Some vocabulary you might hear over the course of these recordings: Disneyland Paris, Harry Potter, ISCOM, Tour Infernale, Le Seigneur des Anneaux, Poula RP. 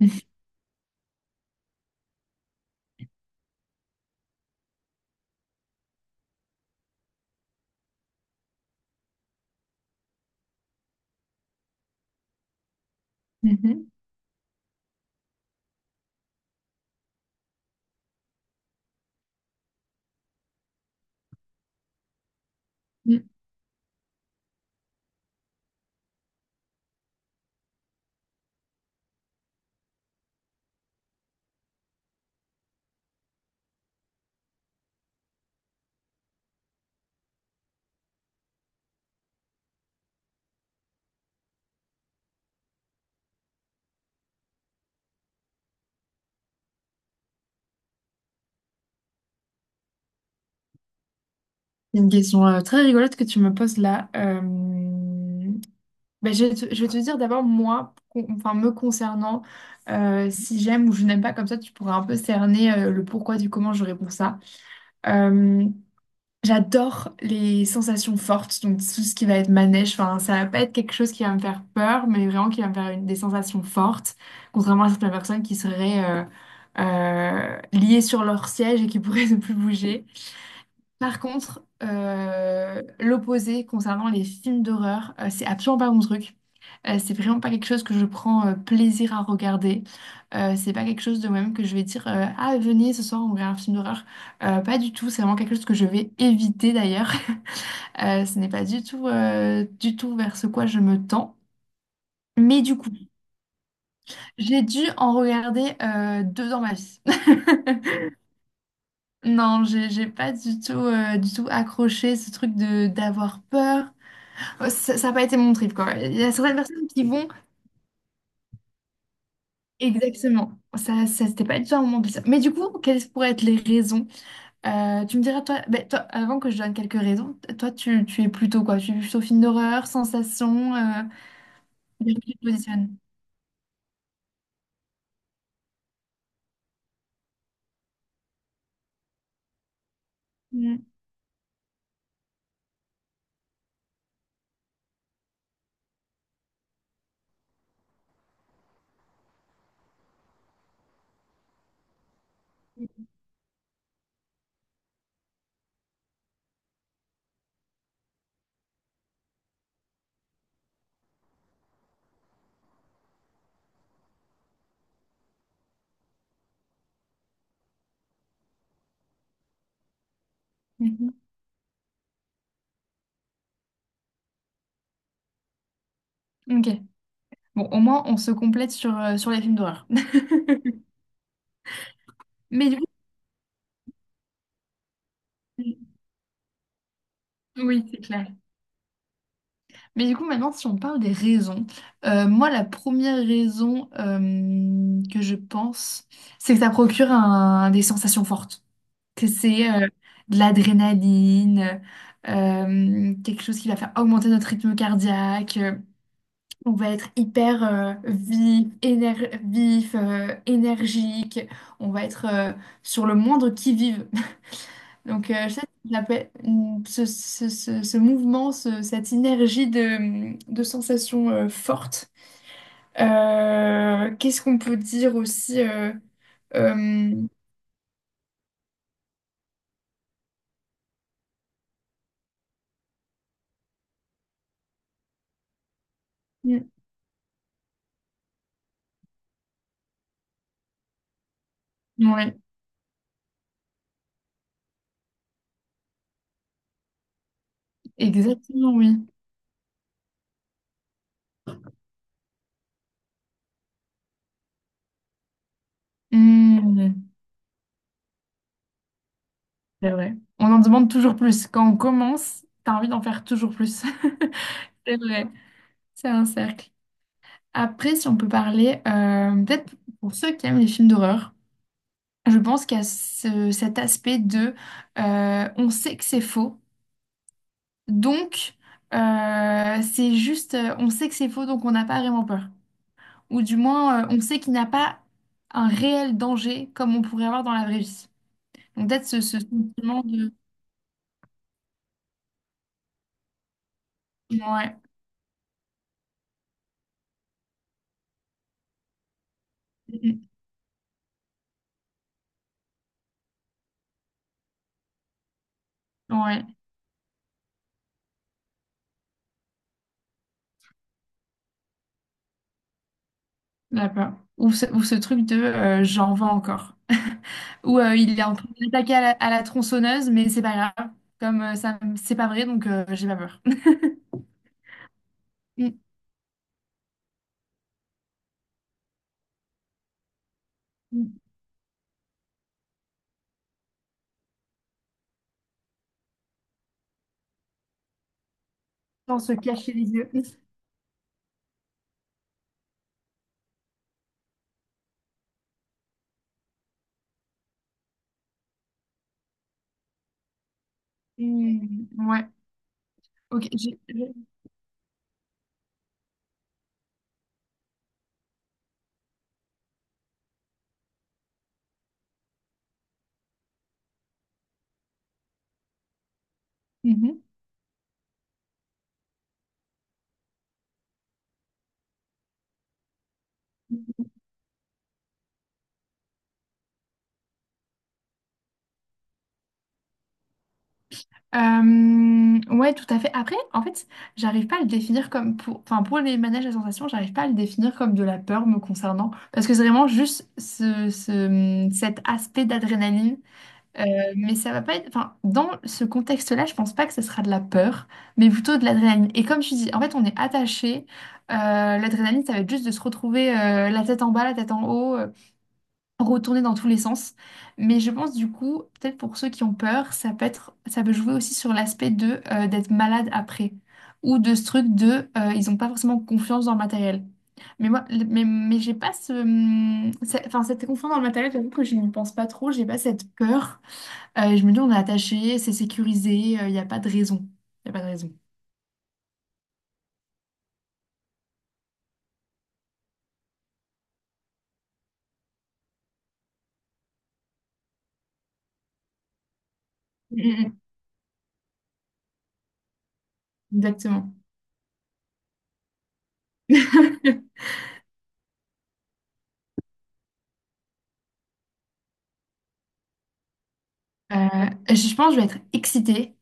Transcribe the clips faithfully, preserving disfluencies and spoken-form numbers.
Mhm. Mm. C'est Une question euh, très rigolote que tu me poses là. Euh, ben, je vais te, je vais te dire d'abord, moi, con- enfin, me concernant, euh, si j'aime ou je n'aime pas, comme ça, tu pourras un peu cerner euh, le pourquoi du comment je réponds ça. Euh, J'adore les sensations fortes, donc tout ce qui va être manège, enfin, ça va pas être quelque chose qui va me faire peur, mais vraiment qui va me faire une- des sensations fortes, contrairement à certaines personnes qui seraient euh, euh, liées sur leur siège et qui pourraient ne plus bouger. Par contre, euh, l'opposé concernant les films d'horreur, euh, c'est absolument pas mon truc. Euh, c'est vraiment pas quelque chose que je prends euh, plaisir à regarder. Euh, c'est pas quelque chose de moi-même que je vais dire euh, Ah, venez ce soir, on regarde un film d'horreur. Euh, pas du tout, c'est vraiment quelque chose que je vais éviter d'ailleurs. Euh, ce n'est pas du tout, euh, du tout vers ce quoi je me tends. Mais du coup, j'ai dû en regarder euh, deux dans ma vie. Non, j'ai j'ai pas du tout, euh, du tout accroché ce truc de d'avoir peur. Ouais, ça n'a pas été mon trip, quoi. Il y a certaines personnes qui vont exactement. Ça, ça c'était pas du tout un moment plaisir. Mais du coup, quelles pourraient être les raisons? Euh, tu me diras, toi, ben, toi, avant que je donne quelques raisons, toi, tu, tu es plutôt quoi? Tu es plutôt film d'horreur, sensation, euh, bien que tu te positionnes. Mm. Mhm. Ok. Bon, au moins, on se complète sur, euh, sur les films d'horreur. Mais du coup, oui, c'est clair. Mais du coup, maintenant, si on parle des raisons, euh, moi, la première raison euh, que je pense, c'est que ça procure un- des sensations fortes, que c'est euh, de l'adrénaline, euh, quelque chose qui va faire augmenter notre rythme cardiaque, euh, on va être hyper euh, vif, éner- vif, euh, énergique, on va être euh, sur le moindre qui-vive. Donc, euh, je sais qu'il l'appelle- mm, ce, ce, ce, ce mouvement, ce- cette énergie de, de sensations euh, fortes. Euh, qu'est-ce qu'on peut dire aussi euh, euh, mm, Oui, exactement, oui. Mm, c'est vrai. On en demande toujours plus. Quand on commence, t'as envie d'en faire toujours plus. C'est vrai, c'est un cercle. Après, si on peut parler, euh, peut-être pour ceux qui aiment les films d'horreur. Je pense qu'il y a ce- cet aspect de euh, on sait que c'est faux, donc euh, c'est juste euh, on sait que c'est faux, donc on n'a pas vraiment peur. Ou du moins, euh, on sait qu'il n'y a pas un réel danger comme on pourrait avoir dans la vraie vie. Donc peut-être ce, ce sentiment de ouais, mm, mm, ouais, la peur. Ou ce, ou ce truc de euh, j'en veux encore. Ou euh, il est en train d'attaquer à la, à la tronçonneuse, mais c'est pas grave. Comme euh, ça, c'est pas vrai, donc euh, j'ai pas peur. Mm. Sans se cacher les yeux. Et- Ouais, ok. j'ai- j'ai- Mhm. Euh, ouais, tout à fait. Après, en fait, j'arrive pas à le définir comme pour, enfin, pour les manèges à sensations, j'arrive pas à le définir comme de la peur me concernant, parce que c'est vraiment juste ce, ce- cet aspect d'adrénaline. Euh, mais ça va pas être, enfin, dans ce contexte-là, je pense pas que ce sera de la peur, mais plutôt de l'adrénaline. Et comme tu dis, en fait, on est attaché. Euh, L'adrénaline, ça va être juste de se retrouver euh, la tête en bas, la tête en haut. Euh, retourner dans tous les sens. Mais je pense du coup, peut-être pour ceux qui ont peur, ça peut être, ça peut jouer aussi sur l'aspect de euh, d'être malade après ou de ce truc de euh, ils n'ont pas forcément confiance dans le matériel. Mais moi, le- mais, mais j'ai pas ce, hum, c'est- enfin cette confiance dans le matériel, j'avoue que je n'y pense pas trop, j'ai pas cette peur. Euh, je me dis on est attaché, c'est sécurisé, il n'y a pas de raison, il n'y a pas de raison. Mm, mm, exactement. Euh, je pense que je vais être excitée,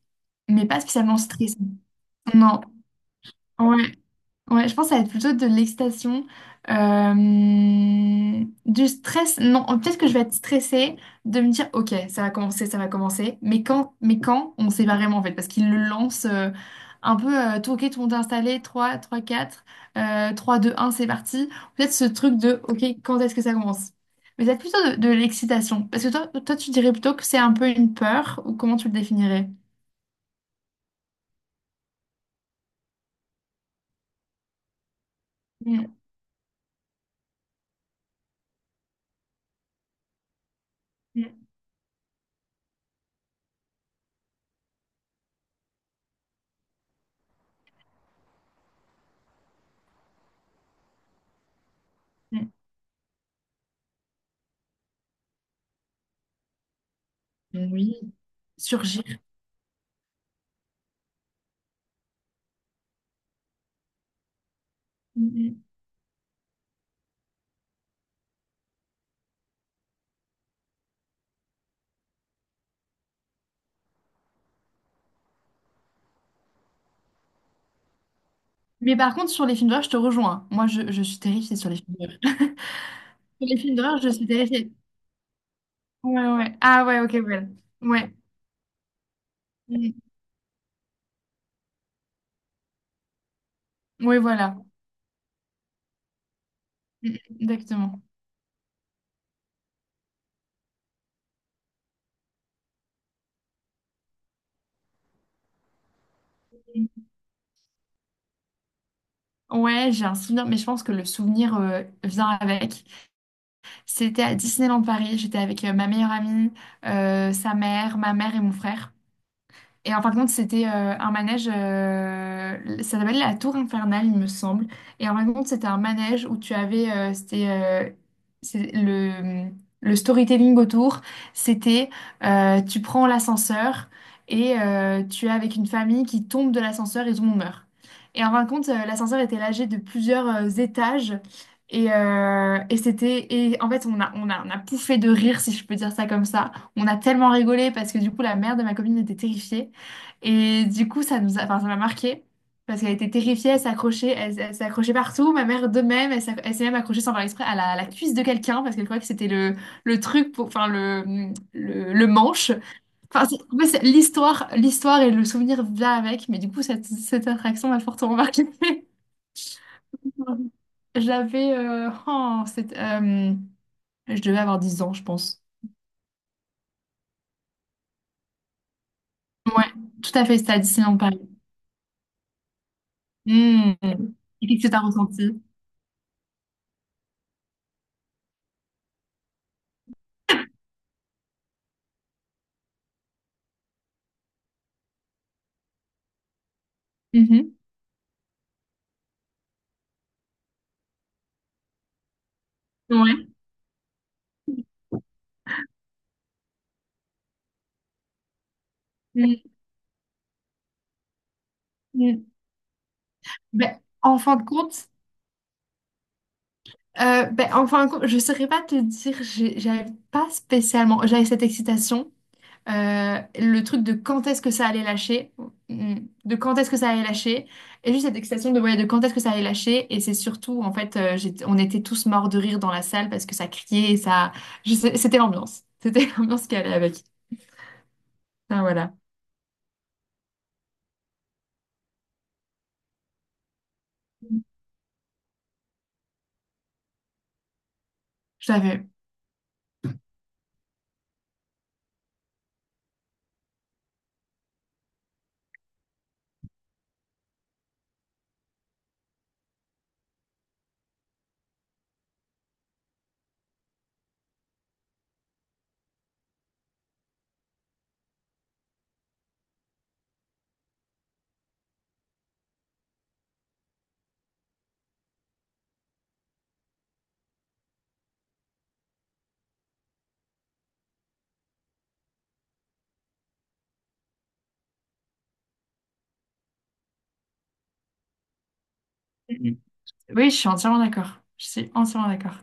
mais pas spécialement stressée. Non. Ouais. Ouais, je pense que ça va être plutôt de l'excitation, euh, du stress. Non, peut-être que je vais être stressée de me dire, ok, ça va commencer, ça va commencer. Mais quand, mais quand, on sait pas vraiment en fait, parce qu'il le lance euh, un peu, euh, tout, ok, tout le monde est installé, trois, trois, quatre, euh, trois, deux, un, c'est parti. Peut-être ce truc de, ok, quand est-ce que ça commence? Mais ça va être plutôt de, de l'excitation. Parce que toi, toi, tu dirais plutôt que c'est un peu une peur, ou comment tu le définirais? Mm, mm, mm. Oui. Surgir. Mais par contre, sur les films d'horreur, je te rejoins. Moi, je, je suis terrifiée sur les films d'horreur. Sur les films d'horreur, je suis terrifiée. Ouais, ouais. Ah ouais, ok, ouais. Ouais. Mm. Ouais, voilà. Mm, exactement. Mm. Ouais, j'ai un souvenir, mais je pense que le souvenir euh, vient avec. C'était à Disneyland Paris. J'étais avec euh, ma meilleure amie, euh, sa mère, ma mère et mon frère. Et en fin de compte, c'était euh, un manège, euh, ça s'appelle la Tour Infernale, il me semble. Et en fin de compte, c'était un manège où tu avais, euh, c'était euh, c'est le, le storytelling autour, c'était euh, tu prends l'ascenseur et euh, tu es avec une famille qui tombe de l'ascenseur et tout le monde meurt. Et en fin de compte, euh, l'ascenseur était lâché de plusieurs euh, étages. Et, euh, et c'était et en fait on a, on a on a pouffé de rire si je peux dire ça comme ça. On a tellement rigolé parce que du coup la mère de ma copine était terrifiée. Et du coup, ça nous a, enfin, ça m'a marqué parce qu'elle était terrifiée, elle s'accrochait, elle, elle s'accrochait partout. Ma mère de même, elle, s'ac- elle s'est même accrochée sans faire exprès à la, à la cuisse de quelqu'un parce qu'elle croyait que c'était le, le truc pour, enfin, le, le, le manche. Enfin, c'est- en fait, c'est l'histoire, l'histoire et le souvenir là avec, mais du coup, cette, cette attraction m'a fortement marquée. J'avais, euh, oh, c'est- euh, je devais avoir dix ans, je pense. Ouais, tout à fait, c'était à Disneyland Paris. Hmm. Et qu'est-ce que t'as ressenti? Mhm. Ouais. Mmh. Mm. Ben, en fin de compte, euh, ben, en fin de compte, je ne saurais pas te dire, j'ai- j'avais pas spécialement, j'avais cette excitation, euh, le truc de quand est-ce que ça allait lâcher, mm, de quand est-ce que ça allait lâcher, et juste cette excitation de, ouais, de quand est-ce que ça allait lâcher, et c'est surtout, en fait, euh, j'étais- on était tous morts de rire dans la salle parce que ça criait, et ça, je sais- c'était l'ambiance, c'était l'ambiance qui allait avec. Ah, voilà, je savais. Mm. Oui, je suis entièrement d'accord, je suis entièrement d'accord.